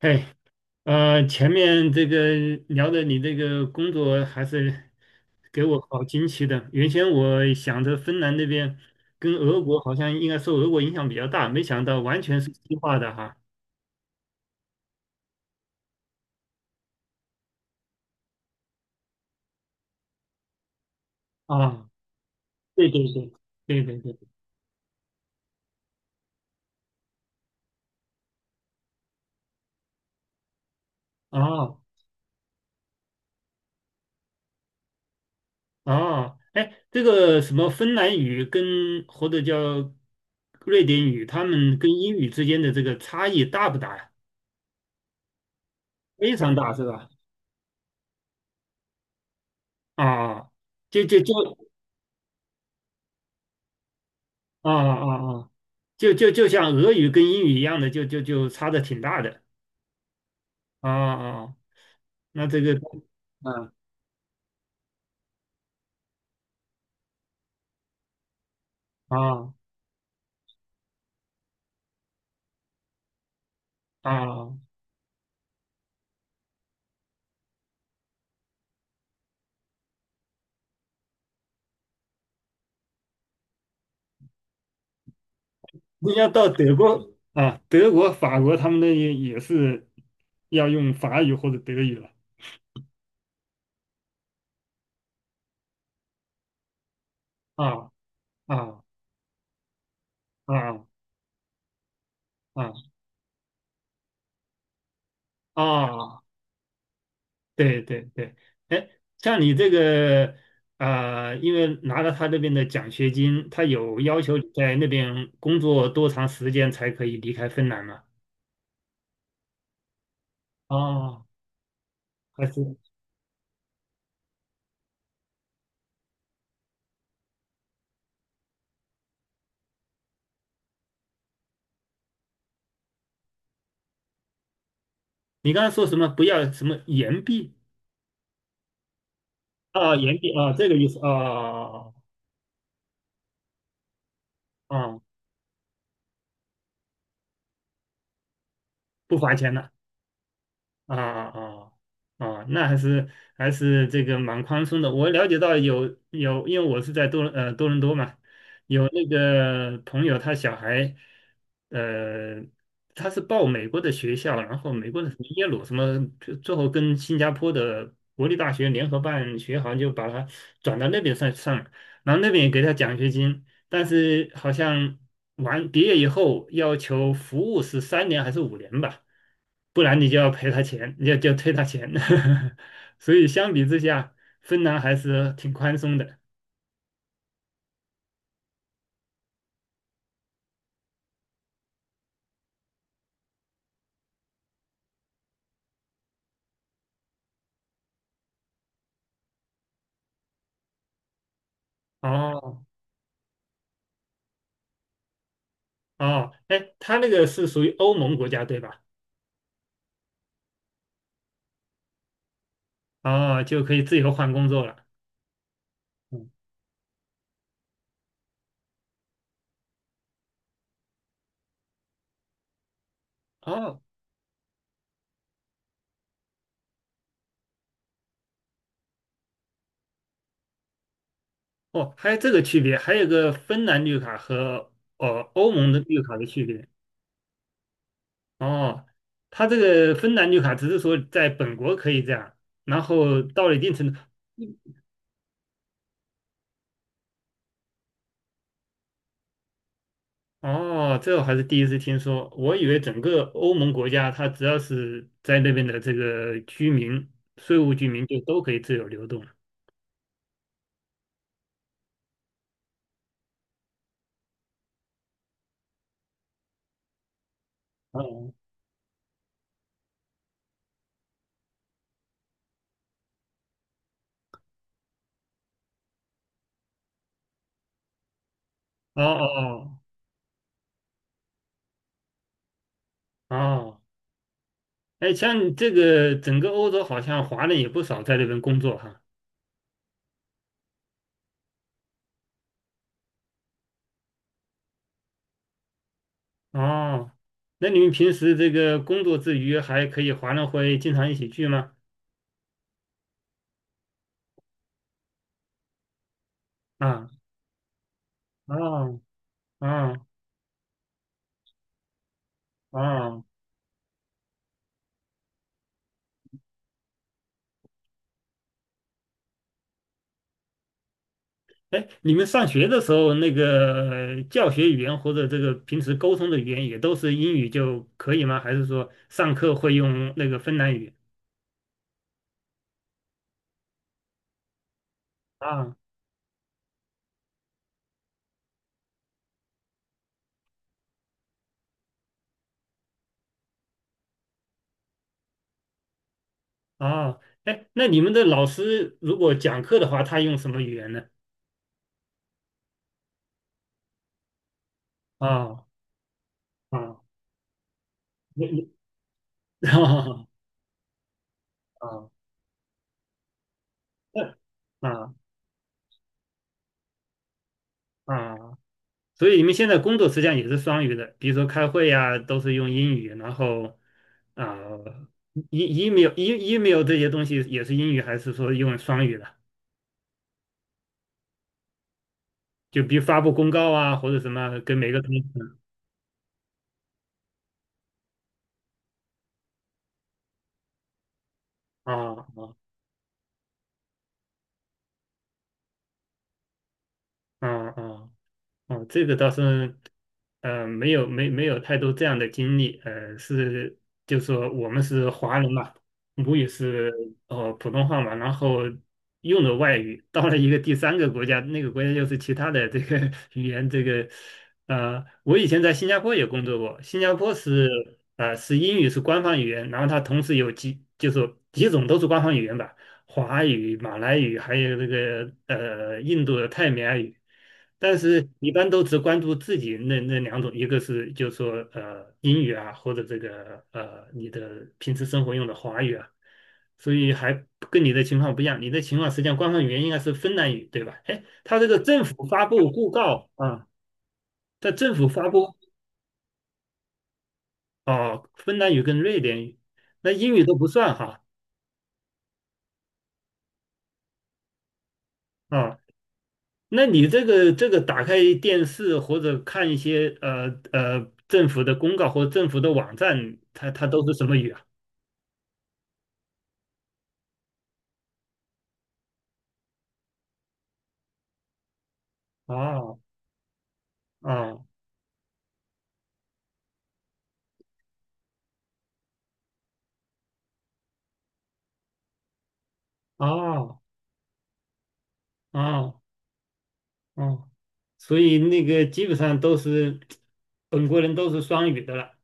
哎，前面这个聊的你这个工作还是给我好惊奇的。原先我想着芬兰那边跟俄国好像应该受俄国影响比较大，没想到完全是西化的哈。啊，对对对对对对，哦哦。哎，这个什么芬兰语跟或者叫瑞典语，他们跟英语之间的这个差异大不大呀？非常大是吧？啊，就啊啊啊！就像俄语跟英语一样的，就差的挺大的。啊啊，那这个嗯，啊啊，你要到德国啊，德国、法国他们那也是要用法语或者德语了。啊啊啊啊啊，对对对。哎，像你这个啊，因为拿了他那边的奖学金，他有要求你在那边工作多长时间才可以离开芬兰吗？啊，还是。你刚才说什么？不要什么岩壁？啊，岩壁啊，这个意思啊。啊，不罚钱的。啊啊啊！那还是还是这个蛮宽松的。我了解到有，因为我是在多伦多嘛，有那个朋友他小孩。呃，他是报美国的学校，然后美国的什么耶鲁什么，最后跟新加坡的国立大学联合办学，好像就把他转到那边上了，然后那边也给他奖学金，但是好像完毕业以后要求服务是三年还是五年吧。不然你就要赔他钱，你就退他钱。所以相比之下，芬兰还是挺宽松的。哦哦。哎，他那个是属于欧盟国家对吧？哦，就可以自由换工作了。嗯，哦哦，还有这个区别，还有个芬兰绿卡和哦欧盟的绿卡的区别。哦，他这个芬兰绿卡只是说在本国可以这样，然后到了一定程度。哦，这我还是第一次听说。我以为整个欧盟国家，它只要是在那边的这个居民、税务居民，就都可以自由流动。哦哦哦哦。哎，像你这个整个欧洲，好像华人也不少在那边工作哈。哦，那你们平时这个工作之余，还可以华人会经常一起聚吗？啊啊啊啊！哦哦哦哦。哎，你们上学的时候，那个教学语言或者这个平时沟通的语言也都是英语就可以吗？还是说上课会用那个芬兰语？啊啊。哎，那你们的老师如果讲课的话，他用什么语言呢？啊啊，你你 啊啊啊啊。所以你们现在工作实际上也是双语的，比如说开会呀、都是用英语，然后啊，e email e email 这些东西也是英语，还是说用双语的？就比如发布公告啊，或者什么，跟每个同事。啊啊啊啊啊，这个倒是没有没没有太多这样的经历。是就说我们是华人嘛，母语是普通话嘛，然后用的外语，到了一个第三个国家，那个国家又是其他的这个 语言。这个我以前在新加坡也工作过，新加坡是英语是官方语言，然后它同时有几就是几种都是官方语言吧。华语、马来语，还有这个印度的泰米尔语，但是一般都只关注自己那两种，一个是就是说英语啊，或者这个你的平时生活用的华语啊。所以还跟你的情况不一样。你的情况实际上官方语言应该是芬兰语，对吧？哎，他这个政府发布公告啊，在政府发布。哦，芬兰语跟瑞典语，那英语都不算哈。啊。那你这个这个打开电视或者看一些政府的公告或政府的网站，它它都是什么语啊？哦哦哦哦哦，所以那个基本上都是本国人都是双语的了。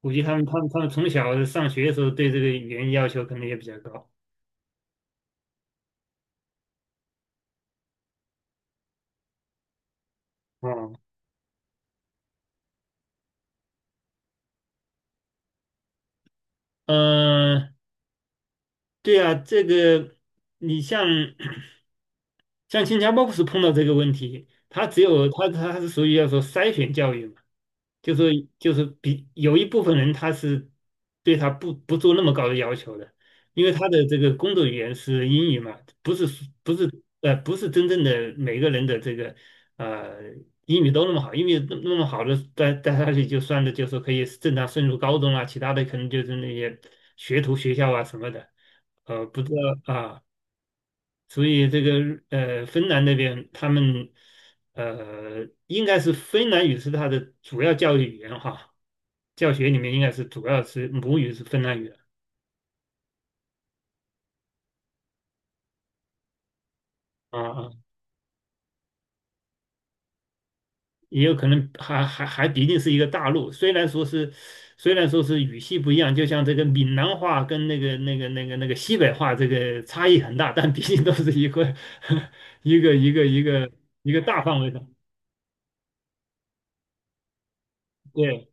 估计他们从小上学的时候对这个语言要求可能也比较高。哦，呃，对啊，这个你像。像新加坡不是碰到这个问题，他只有他是属于要说筛选教育嘛，就是比有一部分人他是对他不做那么高的要求的，因为他的这个工作语言是英语嘛，不是不是不是真正的每个人的这个呃英语都那么好，英语那么好的带下去就算的就是可以正常升入高中啊，其他的可能就是那些学徒学校啊什么的。不知道啊。所以这个芬兰那边他们应该是芬兰语是他的主要教育语言哈，教学里面应该是主要是母语是芬兰语。啊，啊，也有可能还毕竟是一个大陆，虽然说是虽然说是语系不一样，就像这个闽南话跟那个西北话这个差异很大，但毕竟都是一个 一个一个大范围的。对。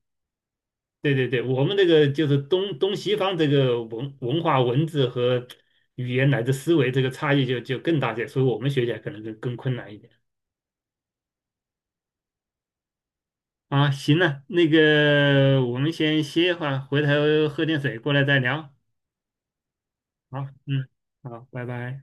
对对对，我们这个就是东西方这个文化、文字和语言乃至思维这个差异就更大些，所以我们学起来可能就更困难一点。啊。行了，那个我们先歇一会儿，回头喝点水过来再聊。好，嗯，好，拜拜。